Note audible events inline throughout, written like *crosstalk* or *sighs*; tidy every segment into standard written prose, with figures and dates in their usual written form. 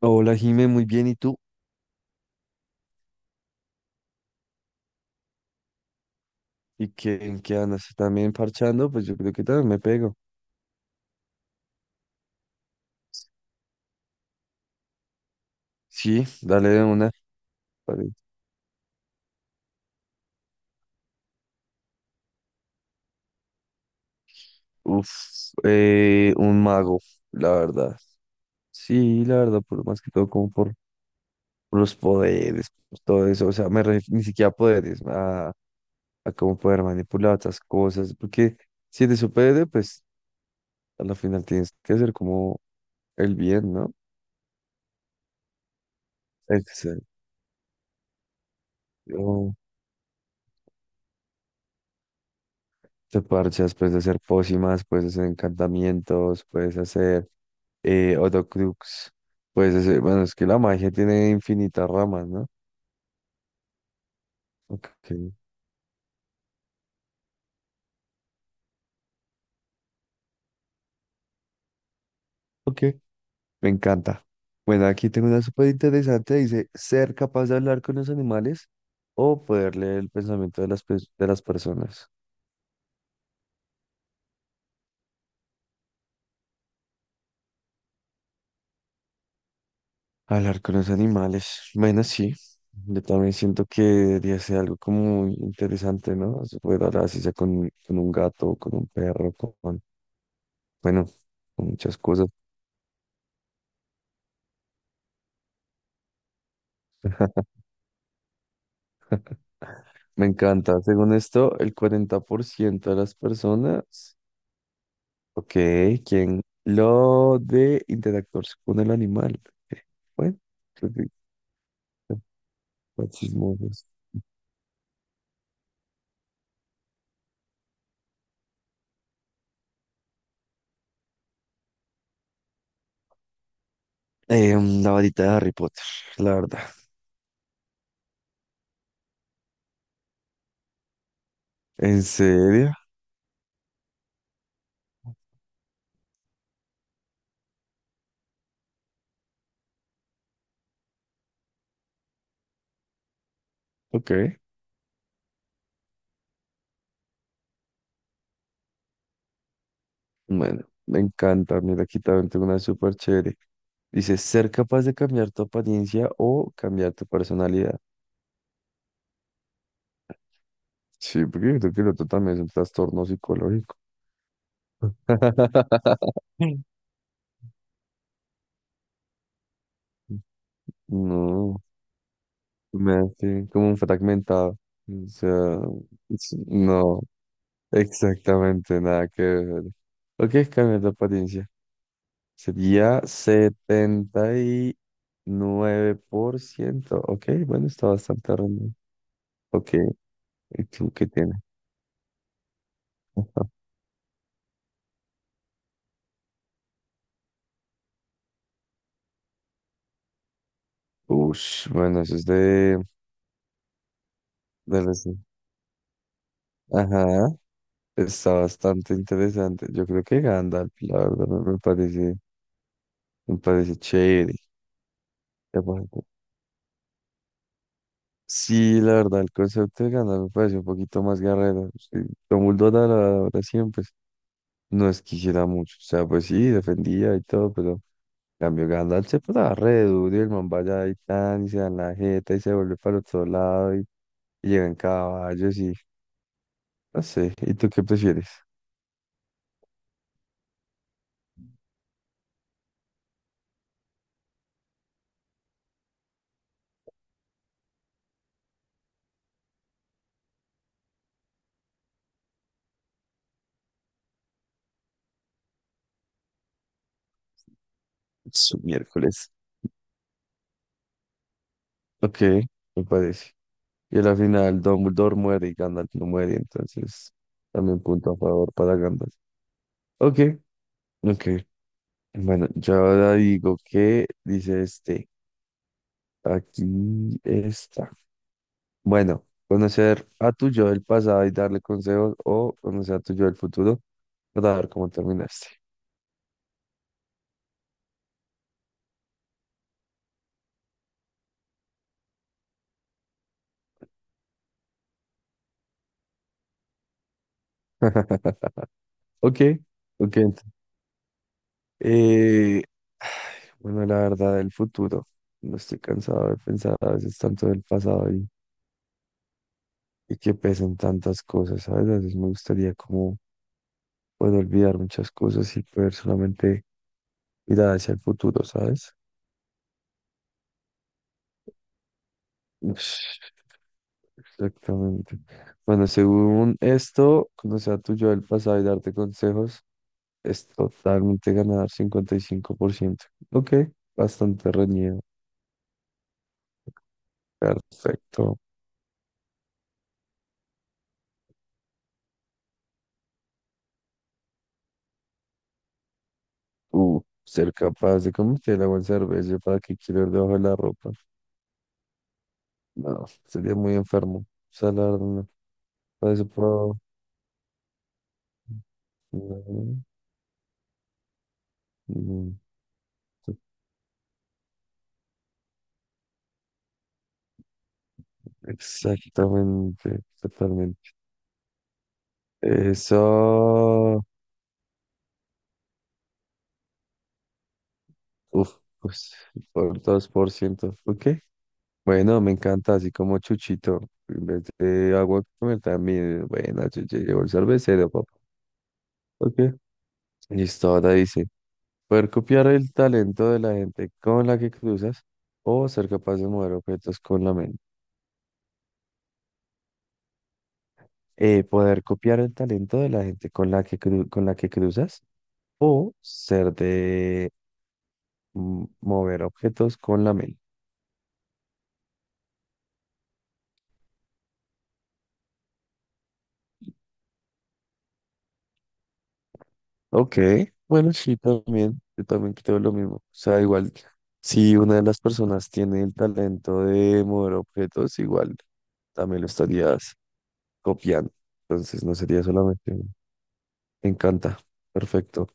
Hola, Jime, muy bien. ¿Y tú? ¿Y qué, en qué andas? ¿También parchando? Pues yo creo que también me pego. Sí, dale de una. Vale. Uf, un mago, la verdad. Sí, la verdad, por, más que todo como por los poderes, por todo eso. O sea, ni siquiera a poderes, a cómo poder manipular otras cosas. Porque si eres superhéroe, pues a la final tienes que hacer como el bien, ¿no? Exacto. Te parchas, puedes hacer pócimas, puedes hacer encantamientos, puedes hacer Horcrux. Pues bueno, es que la magia tiene infinitas ramas, ¿no? Ok, ok, me encanta. Bueno, aquí tengo una súper interesante. Dice, ser capaz de hablar con los animales o poder leer el pensamiento de las personas. Hablar con los animales. Bueno, sí. Yo también siento que debería ser algo como muy interesante, ¿no? Se puede hablar así sea con un gato, con un perro, con, bueno, con muchas cosas. Me encanta. Según esto, el 40% de las personas. Ok, ¿quién? Lo de interactuarse con el animal. Ok, bueno, creo que están más chismosos. La varita de Harry Potter, la verdad. ¿En serio? Ok. Bueno, me encanta. Mira, aquí también tengo una súper chévere. Dice, ser capaz de cambiar tu apariencia o cambiar tu personalidad. Sí, porque yo creo que el otro también es un trastorno psicológico. *laughs* No. Me hace como un fragmentado. O sea, no, exactamente nada que ver. ¿O qué es cambiar de apariencia? Sería 79%. Ok, bueno, está bastante random. Ok, ¿y tú qué tienes? Ush, bueno, eso es de recién. Ajá, está bastante interesante. Yo creo que Gandalf, la verdad, me parece, me parece chévere. Sí, la verdad, el concepto de ganar me parece un poquito más guerrero. Sí. Dumbledore, la verdad, siempre no es que hiciera mucho. O sea, pues sí, defendía y todo, pero en cambio Gandalf se pasaba re duro y el man vaya y tan, y se da la jeta y se vuelve para el otro lado y llega en caballos y no sé. ¿Y tú qué prefieres? Su miércoles. Ok, me parece. Y a la final Dumbledore muere y Gandalf no muere, entonces también punto a favor para Gandalf. Ok, ok. Bueno, yo ahora digo que dice este. Aquí está. Bueno, conocer a tu yo del pasado y darle consejos o conocer a tu yo del futuro para ver cómo terminaste. Ok, ok. Eh, *sighs* Ay, bueno, la verdad del futuro. No estoy cansado de pensar a veces tanto del pasado y que pesan tantas cosas, ¿sabes? A veces me gustaría como poder olvidar muchas cosas y poder solamente mirar hacia el futuro, ¿sabes? Exactamente. Bueno, según esto, conocer a tu yo del pasado y darte consejos es totalmente ganar 55%. Ok, bastante reñido. Perfecto. Ser capaz de convertir el agua en cerveza, ¿para que quiero ir debajo de la ropa? No, sería muy enfermo. O sea, la verdad, no. Para eso puedo. No, no. Exactamente, totalmente. Eso. Uf, pues por 2%. Ok, bueno, me encanta, así como Chuchito. En vez de agua comer también. Bueno, yo ya llevo el cervecero, papá. Ok. Listo, ahora dice, poder copiar el talento de la gente con la que cruzas o ser capaz de mover objetos con la mente. Poder copiar el talento de la gente con la que con la que cruzas o ser de mover objetos con la mente. Ok, bueno, sí, también, yo también creo lo mismo. O sea, igual, si una de las personas tiene el talento de mover objetos, igual también lo estarías copiando. Entonces, no sería solamente uno. Me encanta, perfecto.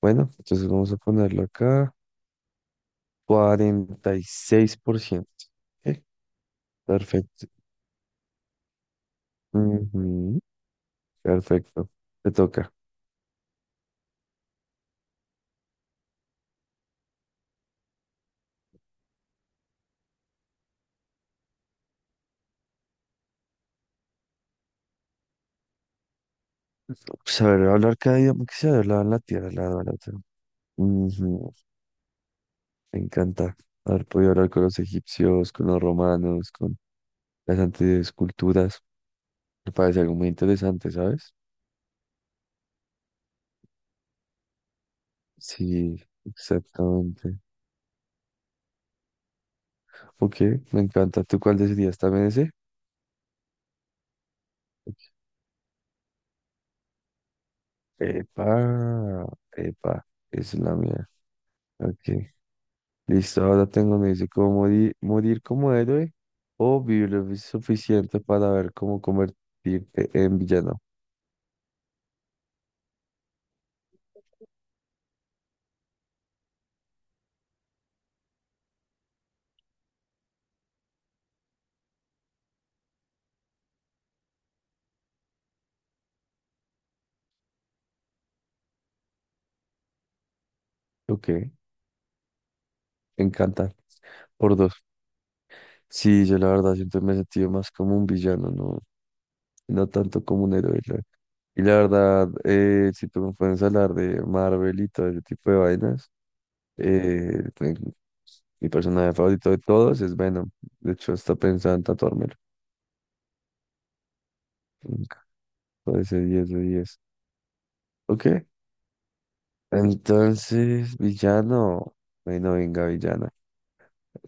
Bueno, entonces vamos a ponerlo acá, 46%. Ok, perfecto. Ujú, perfecto, te toca. Saber hablar cada idioma que se habla en la tierra, la verdad. Me encanta haber podido hablar con los egipcios, con los romanos, con las antiguas culturas. Me parece algo muy interesante, ¿sabes? Sí, exactamente. Ok, me encanta. ¿Tú cuál decidirías también ese? Epa, epa, es la mía. Ok, listo. Ahora tengo, me dice, ¿cómo morir como héroe o vivir lo suficiente para ver cómo convertirte en villano? Ok, me encanta. Por dos. Sí, yo la verdad siempre me he sentido más como un villano, ¿no? Y no tanto como un héroe. ¿Sabes? Y la verdad, si tú me puedes hablar de Marvel y todo ese tipo de vainas, pues, mi personaje favorito de todos es Venom. De hecho, hasta pensaba en tatuármelo. Nunca. Parece 10 de diez. Ok. Entonces, villano. Bueno, venga, villana.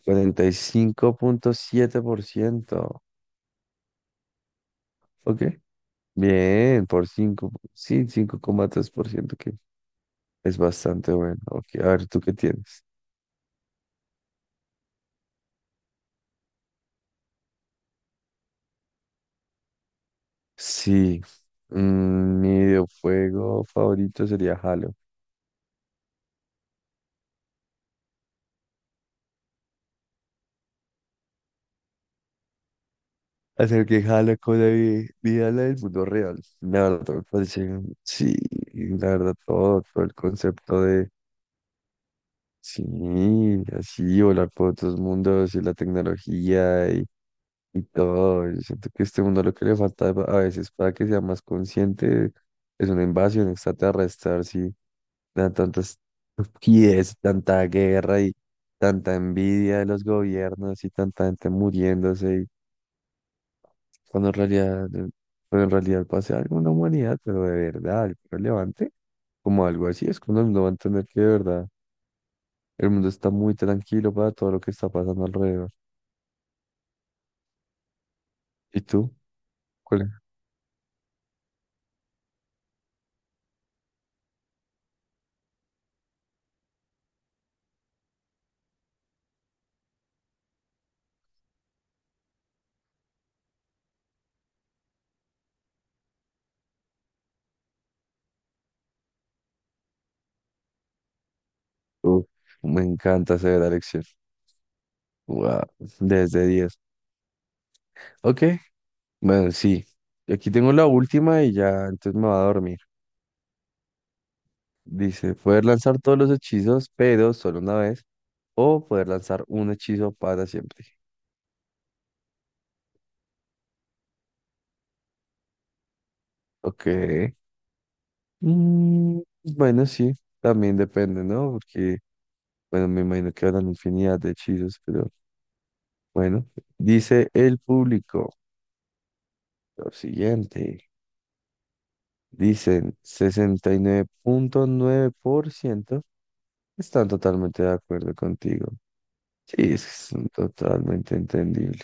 45.7%. Ok. Bien, por cinco. Sí, 5,3% que es bastante bueno. Ok, a ver, ¿tú qué tienes? Sí, mi videojuego favorito sería Halo. Hacer que Halo con la vida la del mundo real. La verdad, me parece, sí, la verdad, todo el concepto de, sí, así, volar por otros mundos y la tecnología y todo. Yo siento que este mundo lo que le falta a veces para que sea más consciente es una invasión extraterrestre, sí. De tantas estupidez, tanta guerra y tanta envidia de los gobiernos y tanta gente muriéndose, y cuando en realidad, eh, cuando en realidad pase algo en la humanidad, pero de verdad, algo relevante, como algo así, es cuando uno va a entender que de verdad el mundo está muy tranquilo para todo lo que está pasando alrededor. ¿Y tú? ¿Cuál es? tu- Me encanta hacer la lección. Wow, desde diez. Ok, bueno, sí. Aquí tengo la última y ya, entonces me va a dormir. Dice, poder lanzar todos los hechizos, pero solo una vez, o poder lanzar un hechizo para siempre. Ok. Mm, bueno, sí, también depende, ¿no? Porque, bueno, me imagino que habrán infinidad de hechizos, pero bueno. Dice el público lo siguiente. Dicen sesenta y nueve punto nueve por ciento están totalmente de acuerdo contigo. Sí, es totalmente entendible.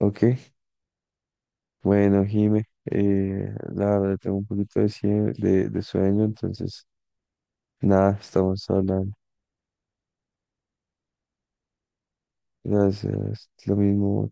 Ok. Bueno, Jime, la verdad tengo un poquito de sueño, entonces nada, estamos hablando. Gracias, lo mismo.